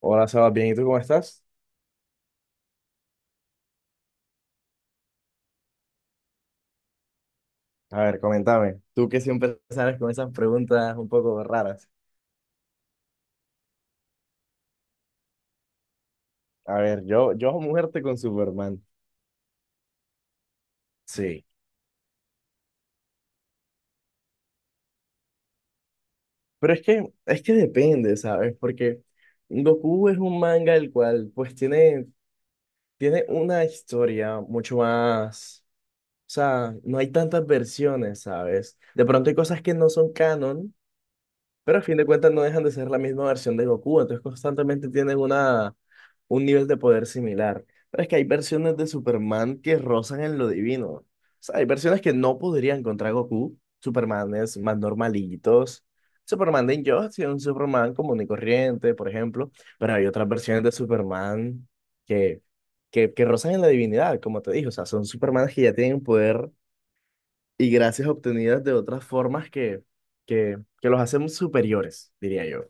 Hola, Sebas, bien, ¿y tú cómo estás? A ver, coméntame, tú que siempre sales con esas preguntas un poco raras. A ver, yo muerte con Superman. Sí, pero es que depende, ¿sabes? Porque Goku es un manga el cual, pues, tiene una historia mucho más, o sea, no hay tantas versiones, ¿sabes? De pronto hay cosas que no son canon, pero a fin de cuentas no dejan de ser la misma versión de Goku, entonces constantemente tienen una, un nivel de poder similar. Pero es que hay versiones de Superman que rozan en lo divino. O sea, hay versiones que no podrían contra Goku, Supermanes más normalitos, Superman de Injustice, un Superman común y corriente, por ejemplo, pero hay otras versiones de Superman que, que rozan en la divinidad, como te dije, o sea, son Supermanes que ya tienen un poder y gracias obtenidas de otras formas que, que los hacen superiores, diría yo.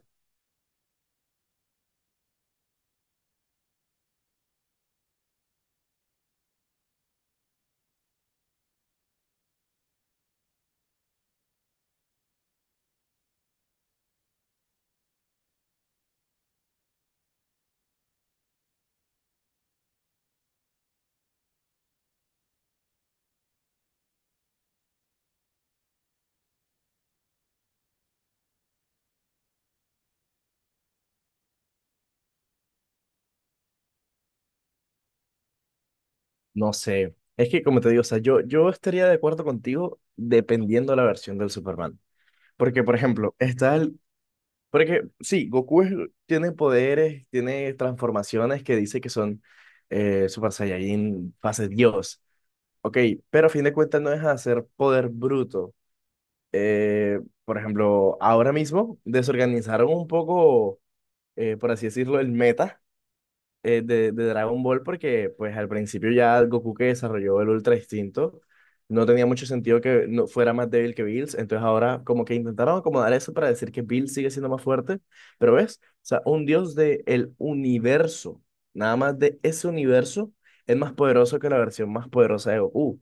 No sé, es que como te digo, o sea, yo estaría de acuerdo contigo dependiendo de la versión del Superman. Porque, por ejemplo, está el... Porque sí, tiene poderes, tiene transformaciones que dice que son Super Saiyajin, fase Dios. Ok, pero a fin de cuentas no es hacer poder bruto. Eh, por ejemplo, ahora mismo desorganizaron un poco, por así decirlo, el meta de Dragon Ball porque pues al principio ya Goku que desarrolló el Ultra Instinto no tenía mucho sentido que no fuera más débil que Bills, entonces ahora como que intentaron acomodar eso para decir que Bills sigue siendo más fuerte, pero ves, o sea, un dios del universo, nada más de ese universo, es más poderoso que la versión más poderosa de Goku.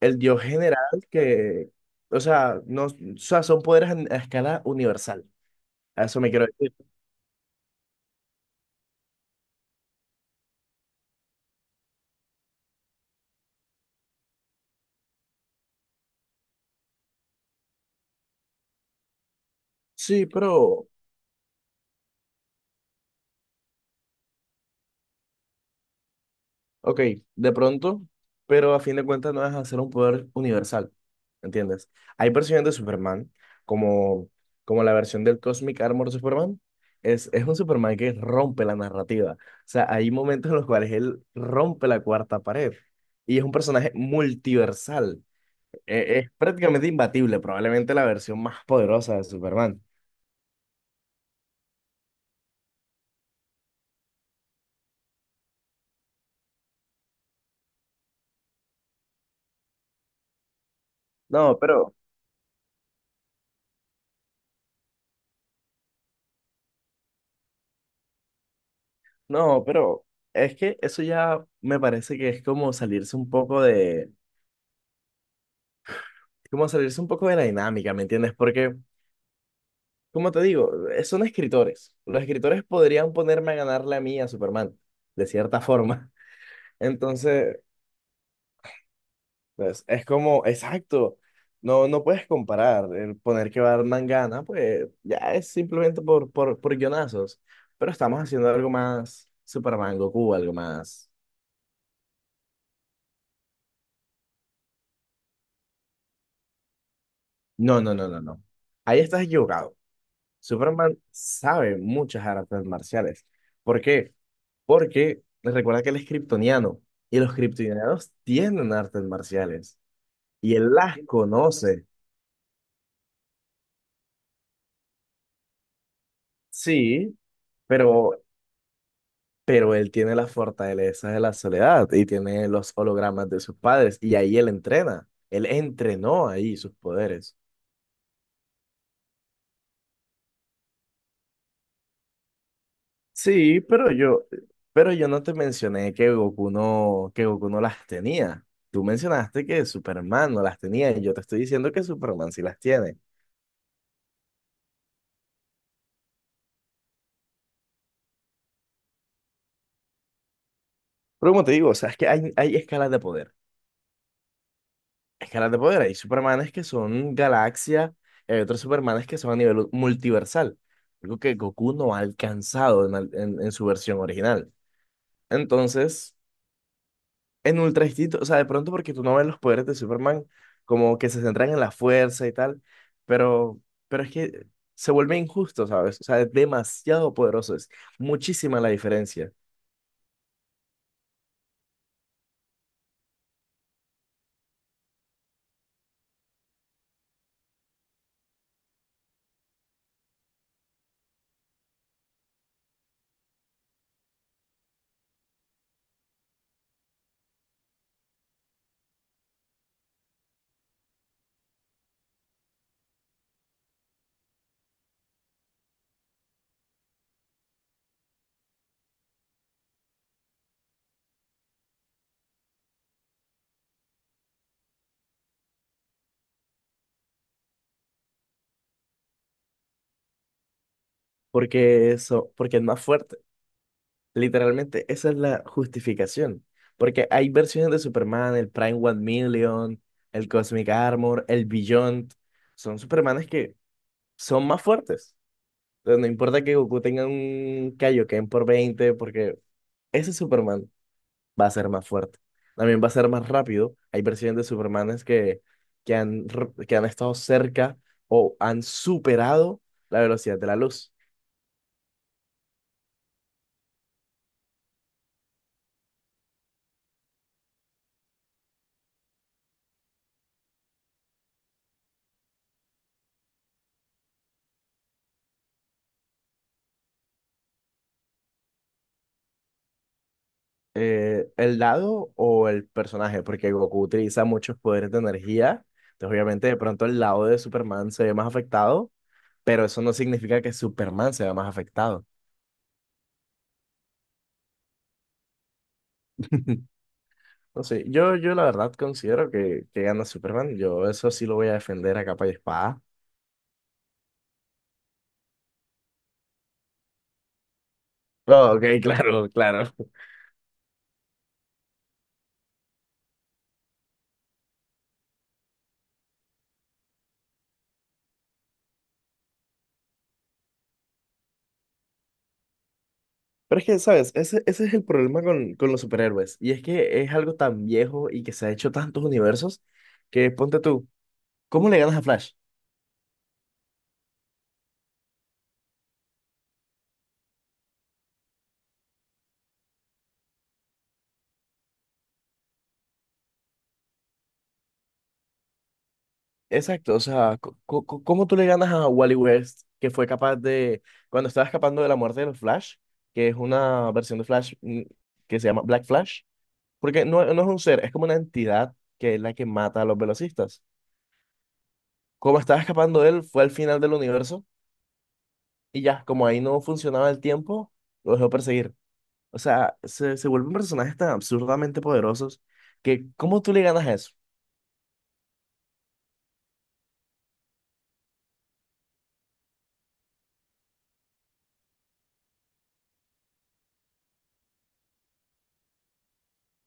El dios general que, o sea, no, o sea, son poderes a escala universal, a eso me quiero decir. Sí, pero ok, de pronto, pero a fin de cuentas no es hacer un poder universal, ¿entiendes? Hay versiones de Superman, como, como la versión del Cosmic Armor Superman. Es un Superman que rompe la narrativa. O sea, hay momentos en los cuales él rompe la cuarta pared. Y es un personaje multiversal. Es prácticamente imbatible, probablemente la versión más poderosa de Superman. No, pero, no, pero es que eso ya me parece que es como salirse un poco de la dinámica, ¿me entiendes? Porque, como te digo, son escritores. Los escritores podrían ponerme a ganarle a mí a Superman, de cierta forma. Entonces, pues, es como, exacto, no puedes comparar. El poner que Batman gana, pues ya es simplemente por, por guionazos. Pero estamos haciendo algo más Superman, Goku, algo más... No, no, no, no, no. Ahí estás equivocado. Superman sabe muchas artes marciales. ¿Por qué? Porque recuerda que él es kriptoniano y los kriptonianos tienen artes marciales y él las conoce. Sí, pero, pero él tiene las fortalezas de la soledad y tiene los hologramas de sus padres y ahí él entrena. Él entrenó ahí sus poderes. Sí, pero yo no te mencioné que Goku no las tenía. Tú mencionaste que Superman no las tenía y yo te estoy diciendo que Superman sí las tiene. Pero como te digo, o sea, es que hay escalas de poder. Escalas de poder. Hay Supermanes que son galaxia, hay otros Supermanes que son a nivel multiversal. Algo que Goku no ha alcanzado en su versión original. Entonces... en Ultra Instinto, o sea, de pronto porque tú no ves los poderes de Superman como que se centran en la fuerza y tal, pero, pero es que se vuelve injusto, ¿sabes? O sea, es demasiado poderoso, es muchísima la diferencia, porque eso, porque es más fuerte. Literalmente, esa es la justificación, porque hay versiones de Superman, el Prime One Million, el Cosmic Armor, el Beyond, son Supermanes que son más fuertes. Entonces, no importa que Goku tenga un Kaioken por 20, porque ese es Superman va a ser más fuerte. También va a ser más rápido. Hay versiones de Supermanes que, que han estado cerca o han superado la velocidad de la luz. El lado o el personaje, porque Goku utiliza muchos poderes de energía. Entonces, obviamente, de pronto el lado de Superman se ve más afectado, pero eso no significa que Superman se vea más afectado. No sé, yo la verdad considero que gana Superman. Yo eso sí lo voy a defender a capa y espada. Oh, ok, claro, claro. Pero es que, ¿sabes? Ese es el problema con los superhéroes. Y es que es algo tan viejo y que se ha hecho tantos universos que ponte tú, ¿cómo le ganas a Flash? Exacto, o sea, ¿cómo tú le ganas a Wally West, que fue capaz de, cuando estaba escapando de la muerte de los Flash, que es una versión de Flash que se llama Black Flash? Porque no es un ser, es como una entidad que es la que mata a los velocistas. Como estaba escapando de él, fue al final del universo y ya, como ahí no funcionaba el tiempo, lo dejó perseguir. O sea, se vuelven personajes tan absurdamente poderosos que ¿cómo tú le ganas a eso?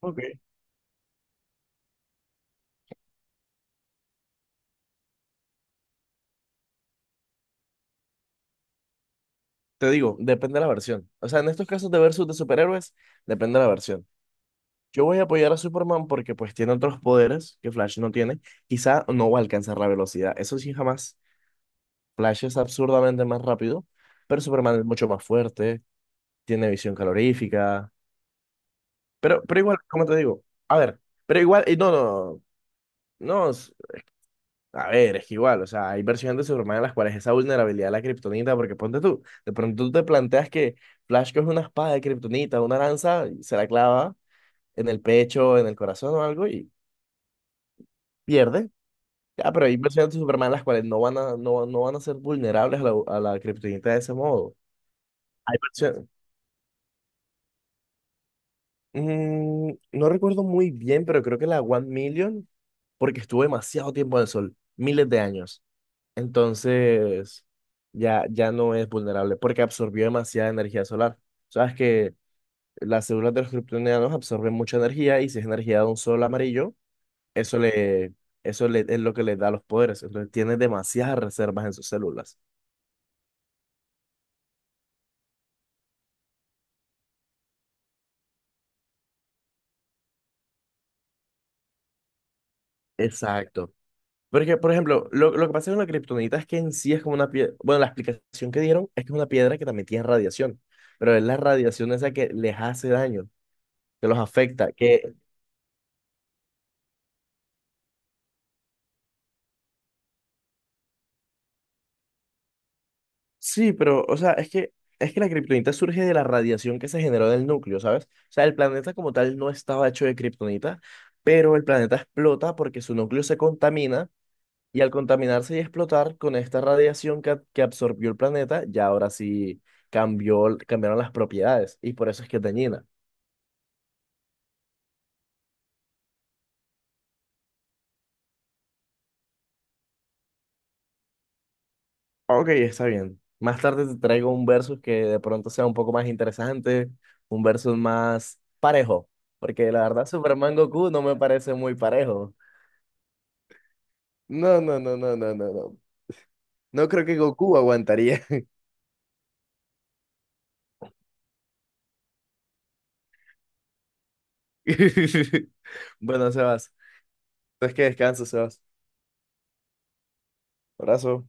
Ok. Te digo, depende de la versión. O sea, en estos casos de versus de superhéroes, depende de la versión. Yo voy a apoyar a Superman porque pues tiene otros poderes que Flash no tiene. Quizá no va a alcanzar la velocidad. Eso sí, jamás. Flash es absurdamente más rápido, pero Superman es mucho más fuerte, tiene visión calorífica. Pero igual, como te digo. A ver, pero igual, y no, no, no. No, no, a ver, es que igual, o sea, hay versiones de Superman en las cuales esa vulnerabilidad de la kriptonita, porque ponte tú, de pronto tú te planteas que Flash coge una espada de kriptonita, una lanza, y se la clava en el pecho, en el corazón o algo y pierde. Ya, pero hay versiones de Superman en las cuales no van a, no van a ser vulnerables a la kriptonita de ese modo. Hay versiones, mm, no recuerdo muy bien, pero creo que la One Million, porque estuvo demasiado tiempo en el sol, miles de años. Entonces, ya, ya no es vulnerable porque absorbió demasiada energía solar. Sabes que las células de los kryptonianos absorben mucha energía y si es energía de un sol amarillo, eso le, eso le, es lo que le da los poderes. Entonces, tiene demasiadas reservas en sus células. Exacto. Porque, por ejemplo, lo que pasa con la kriptonita es que en sí es como una piedra. Bueno, la explicación que dieron es que es una piedra que también tiene radiación, pero es la radiación esa que les hace daño, que los afecta, que sí, pero, o sea, es que la kriptonita surge de la radiación que se generó del núcleo, ¿sabes? O sea, el planeta como tal no estaba hecho de kriptonita, pero el planeta explota porque su núcleo se contamina y al contaminarse y explotar con esta radiación que absorbió el planeta, ya ahora sí cambió, cambiaron las propiedades y por eso es que es dañina. Ok, está bien. Más tarde te traigo un versus que de pronto sea un poco más interesante, un versus más parejo, porque la verdad Superman Goku no me parece muy parejo. No, no, no, no, no, no, no. No creo que Goku aguantaría. Bueno, Sebas. Entonces que descanso, Sebas. Abrazo.